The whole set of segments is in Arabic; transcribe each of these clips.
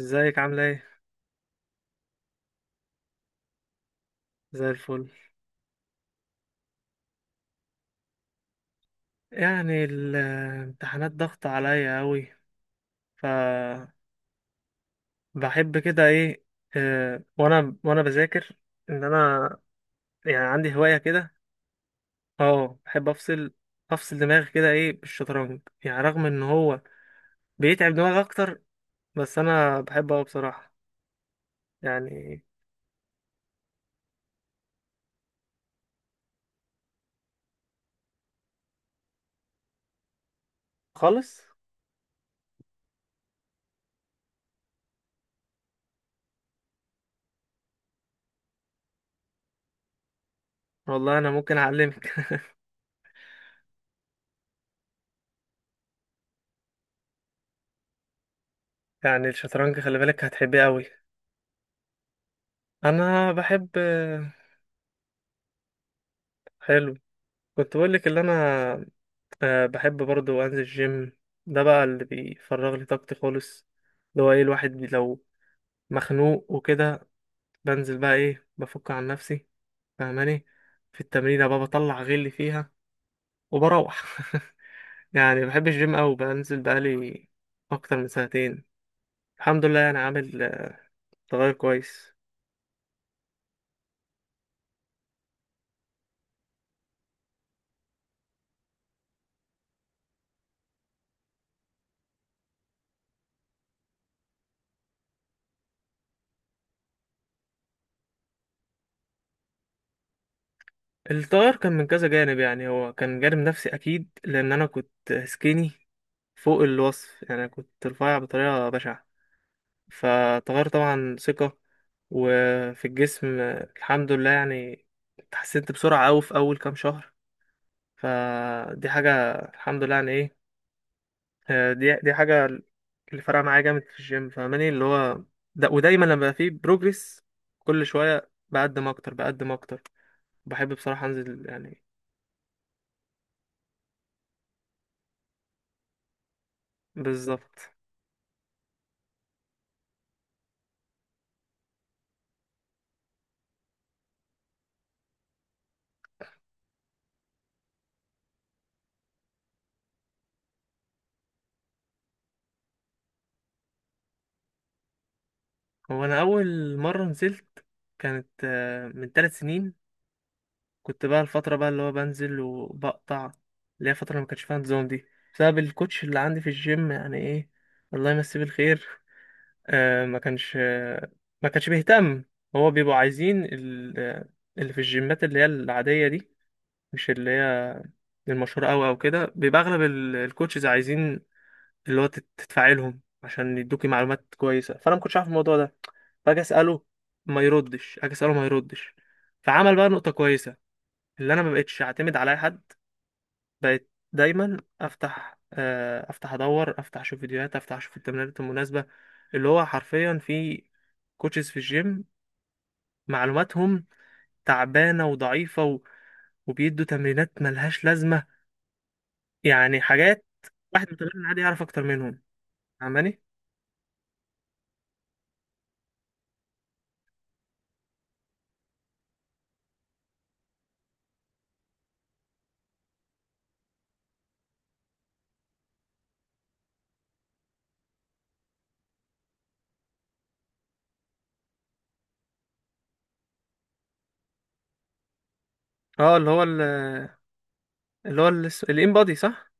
ازيك عاملة ايه؟ زي الفل. يعني الامتحانات ضغط عليا اوي. ف بحب كده ايه. اه، وانا بذاكر، ان انا يعني عندي هواية كده. اه، بحب افصل، افصل دماغي كده ايه بالشطرنج. يعني رغم ان هو بيتعب دماغي اكتر، بس انا بحبه اوي بصراحة يعني. خالص. والله انا ممكن اعلمك. يعني الشطرنج خلي بالك هتحبيه اوي. انا بحب. حلو. كنت بقولك اللي انا، أه، بحب برضو انزل الجيم. ده بقى اللي بيفرغ لي طاقتي خالص. اللي هو ايه، الواحد لو مخنوق وكده، بنزل بقى ايه، بفك عن نفسي، فاهماني؟ في التمرين بقى بطلع غلي فيها وبروح. يعني بحب الجيم أوي، بنزل بقالي اكتر من سنتين الحمد لله. يعني عامل تغير كويس. التغير كان من كذا جانب. يعني هو كان جانب نفسي اكيد، لان انا كنت سكيني فوق الوصف، يعني كنت رفيع بطريقة بشعة. فتغير طبعا ثقة، وفي الجسم الحمد لله. يعني اتحسنت بسرعة أوي في أول كام شهر، فدي حاجة الحمد لله يعني إيه. آه، دي حاجة اللي فرقة معايا جامد في الجيم، فاهماني؟ اللي هو ده. ودايما لما بقى فيه بروجرس، كل شوية بقدم أكتر بقدم أكتر، بحب بصراحة أنزل يعني. بالظبط. هو أنا أول مرة نزلت كانت من 3 سنين. كنت بقى الفترة بقى اللي هو بنزل وبقطع، اللي هي فترة ما كانش فيها نظام، دي بسبب الكوتش اللي عندي في الجيم يعني ايه، الله يمسيه بالخير. ما كانش ما كانش بيهتم. هو بيبقوا عايزين اللي في الجيمات اللي هي العادية دي، مش اللي هي المشهورة أوي أو كده، بيبقى أغلب الكوتشز عايزين اللي هو تدفعي لهم عشان يدوكي معلومات كويسة. فأنا ما كنتش عارف الموضوع ده، فأجي أسأله ما يردش، أجي أسأله ما يردش. فعمل بقى نقطة كويسة، اللي أنا ما بقتش أعتمد على أي حد. بقيت دايما افتح افتح ادور، افتح اشوف فيديوهات، افتح اشوف التمرينات المناسبه. اللي هو حرفيا في كوتشز في الجيم معلوماتهم تعبانه وضعيفه وبيدوا تمرينات ملهاش لازمه. يعني حاجات واحد متمرن عادي يعرف اكتر منهم، فاهماني؟ اه، اللي هو اللي هو الام بادي صح.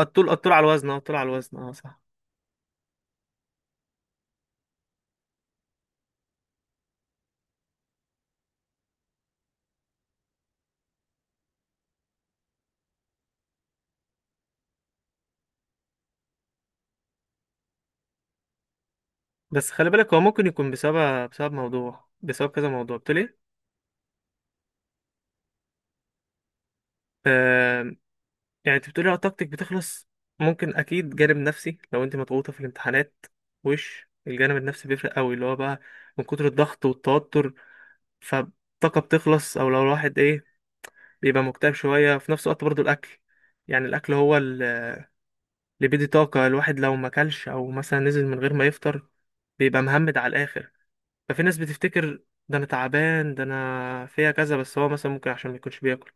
الطول، الطول على الوزن، اه، الطول على الوزن، اه صح. بس خلي بالك هو ممكن يكون بسبب موضوع، بسبب كذا موضوع. قلت ليه؟ آه، يعني انت بتقولي اه طاقتك بتخلص. ممكن اكيد جانب نفسي، لو انت مضغوطه في الامتحانات، وش الجانب النفسي بيفرق قوي. اللي هو بقى من كتر الضغط والتوتر فالطاقه بتخلص. او لو الواحد ايه بيبقى مكتئب شويه، في نفس الوقت برضو الاكل، يعني الاكل هو اللي بيدي طاقه الواحد. لو ما اكلش او مثلا نزل من غير ما يفطر، بيبقى مهمد على الاخر. ففي ناس بتفتكر ده انا تعبان، ده انا فيها كذا، بس هو مثلا ممكن عشان ما يكونش بياكل.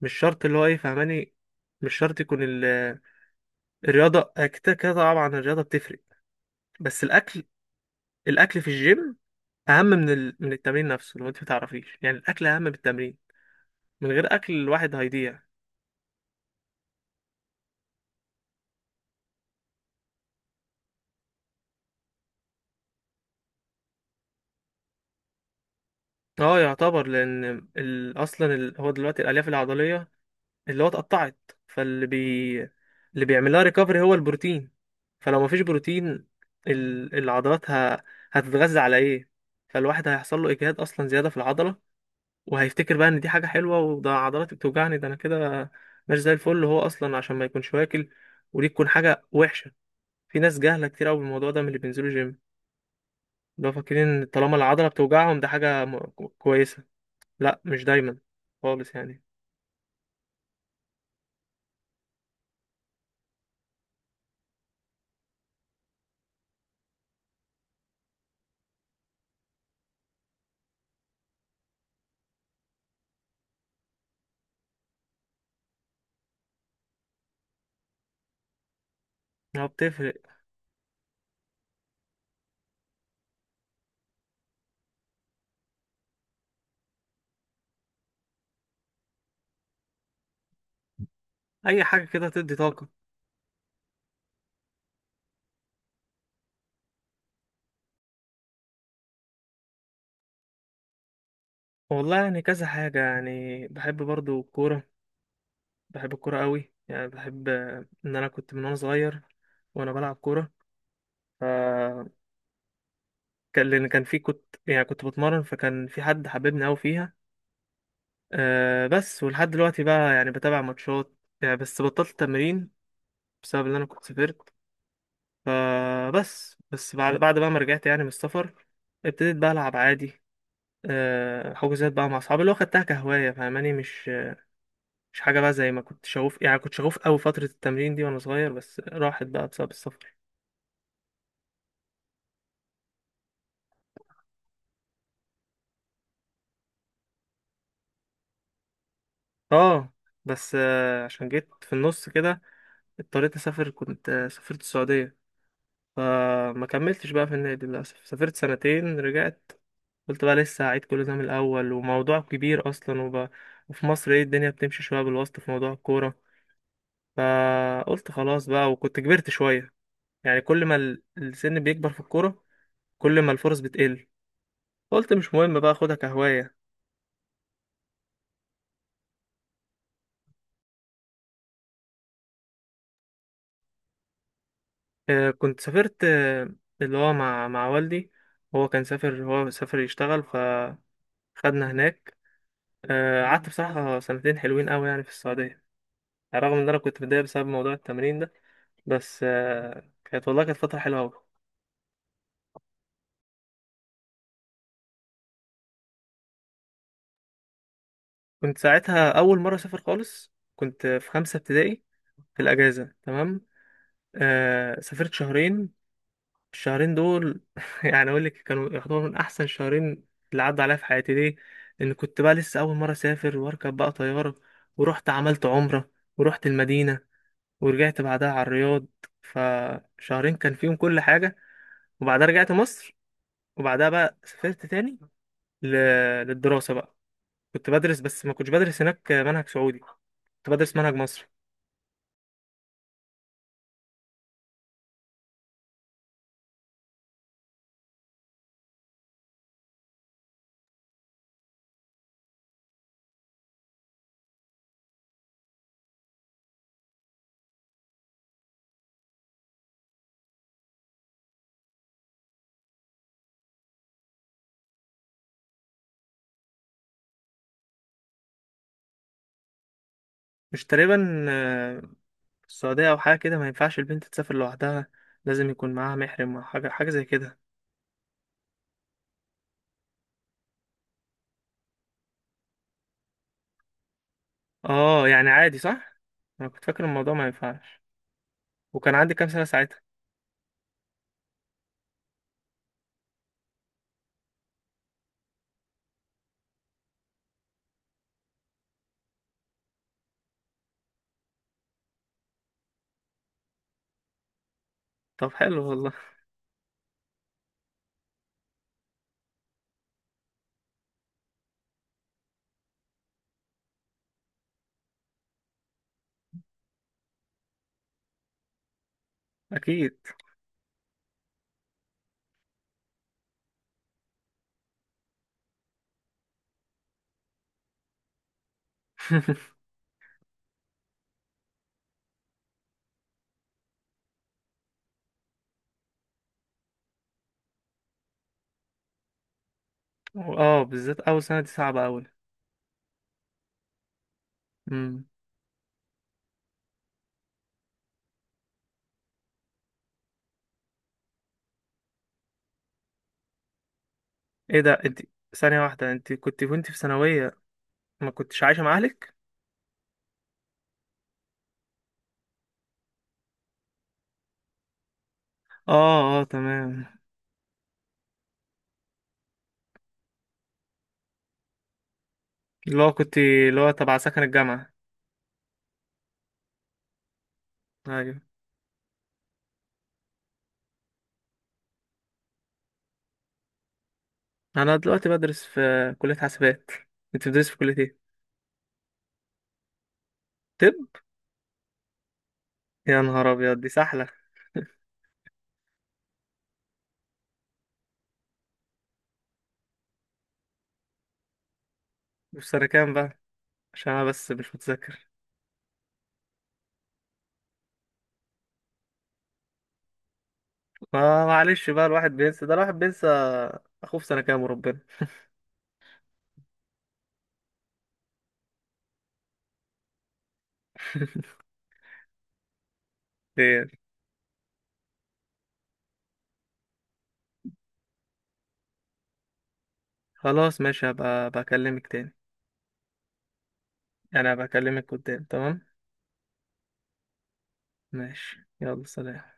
مش شرط اللي هو ايه، فاهماني؟ مش شرط يكون الرياضة. آه، كده كده طبعا الرياضة بتفرق، بس الأكل. الأكل في الجيم أهم من من التمرين نفسه. لو أنت متعرفيش، يعني الأكل أهم من التمرين، من غير أكل الواحد هيضيع. اه يعتبر، لأن هو دلوقتي الألياف العضلية اللي هو اتقطعت، فاللي بي... اللي بيعملها ريكفري هو البروتين. فلو مفيش بروتين، العضلات هتتغذى على إيه؟ فالواحد هيحصل له إجهاد أصلا، زيادة في العضلة، وهيفتكر بقى ان دي حاجه حلوه، وده عضلاتي بتوجعني ده انا كده مش زي الفل. هو اصلا عشان ما يكونش واكل، ودي تكون حاجه وحشه. في ناس جاهله كتير قوي بالموضوع ده من اللي بينزلوا جيم، اللي هو فاكرين ان طالما العضله بتوجعهم ده حاجه كويسه. لا، مش دايما خالص يعني. هو بتفرق، اي حاجه كده تدي طاقه. والله يعني كذا حاجه. يعني بحب برضو الكوره، بحب الكوره قوي. يعني بحب آه، ان انا كنت من وانا صغير وانا بلعب كوره. كان لان كان في، كنت يعني كنت بتمرن، فكان في حد حببني قوي فيها. أه بس ولحد دلوقتي بقى يعني بتابع ماتشات، يعني بس بطلت التمرين بسبب ان انا كنت سافرت. فبس، بس بعد بعد بقى ما رجعت يعني من السفر، ابتديت بقى العب عادي. أه، حجوزات بقى مع اصحابي، اللي هو خدتها كهوايه، فاهماني؟ مش حاجه بقى زي ما كنت شغوف. يعني كنت شغوف قوي فتره التمرين دي وانا صغير، بس راحت بقى بسبب السفر. اه، بس أه عشان جيت في النص كده اضطريت اسافر. كنت سافرت السعوديه، فما كملتش بقى في النادي للأسف. سافرت سنتين رجعت، قلت بقى لسه هعيد كل ده من الأول، وموضوع كبير أصلا وفي مصر ايه الدنيا بتمشي شوية بالواسطة في موضوع الكورة. فقلت خلاص بقى، وكنت كبرت شوية. يعني كل ما السن بيكبر في الكورة، كل ما الفرص بتقل. قلت مش مهم بقى، أخدها كهواية. آه، كنت سافرت اللي هو مع والدي. هو كان سافر، هو سافر يشتغل فخدنا هناك. آه، قعدت بصراحة سنتين حلوين قوي يعني في السعودية، رغم ان انا كنت متضايق بسبب موضوع التمرين ده. بس آه، كانت والله كانت فتره حلوه قوي. كنت ساعتها اول مره اسافر خالص، كنت في 5 ابتدائي، في الاجازه تمام. آه سافرت شهرين. الشهرين دول يعني اقول لك كانوا يعتبروا من احسن شهرين اللي عدوا عليا في حياتي. ليه؟ ان كنت بقى لسه اول مره اسافر واركب بقى طياره، ورحت عملت عمره، ورحت المدينه، ورجعت بعدها على الرياض. فشهرين كان فيهم كل حاجه. وبعدها رجعت مصر، وبعدها بقى سافرت تاني للدراسة بقى. كنت بدرس، بس ما كنتش بدرس هناك منهج سعودي، كنت بدرس منهج مصري. مش تقريبا آه، في السعودية أو حاجة كده ما ينفعش البنت تسافر لوحدها؟ لازم يكون معاها محرم أو حاجة، حاجة زي كده. اه، يعني عادي صح؟ أنا كنت فاكر الموضوع ما ينفعش. وكان عندي كام سنة ساعتها؟ طب حلو والله. أكيد. اه بالذات أول سنة دي صعبة أوي. مم. ايه ده انت، ثانية واحدة، انت كنت وانت في ثانوية ما كنتش عايشة مع أهلك؟ اه اه تمام. اللي هو كنت اللي هو تبع سكن الجامعة. أيوة. أنا دلوقتي بدرس في كلية حاسبات. أنت بتدرس في كلية إيه؟ طب، يا نهار أبيض دي سحلة. وفي سنة كام بقى؟ عشان أنا بس مش متذكر. ما معلش بقى الواحد بينسى، ده الواحد بينسى أخوه في سنة كام وربنا. خير. خلاص ماشي، هبقى بكلمك تاني. أنا بكلمك قدام، تمام؟ ماشي يلا سلام.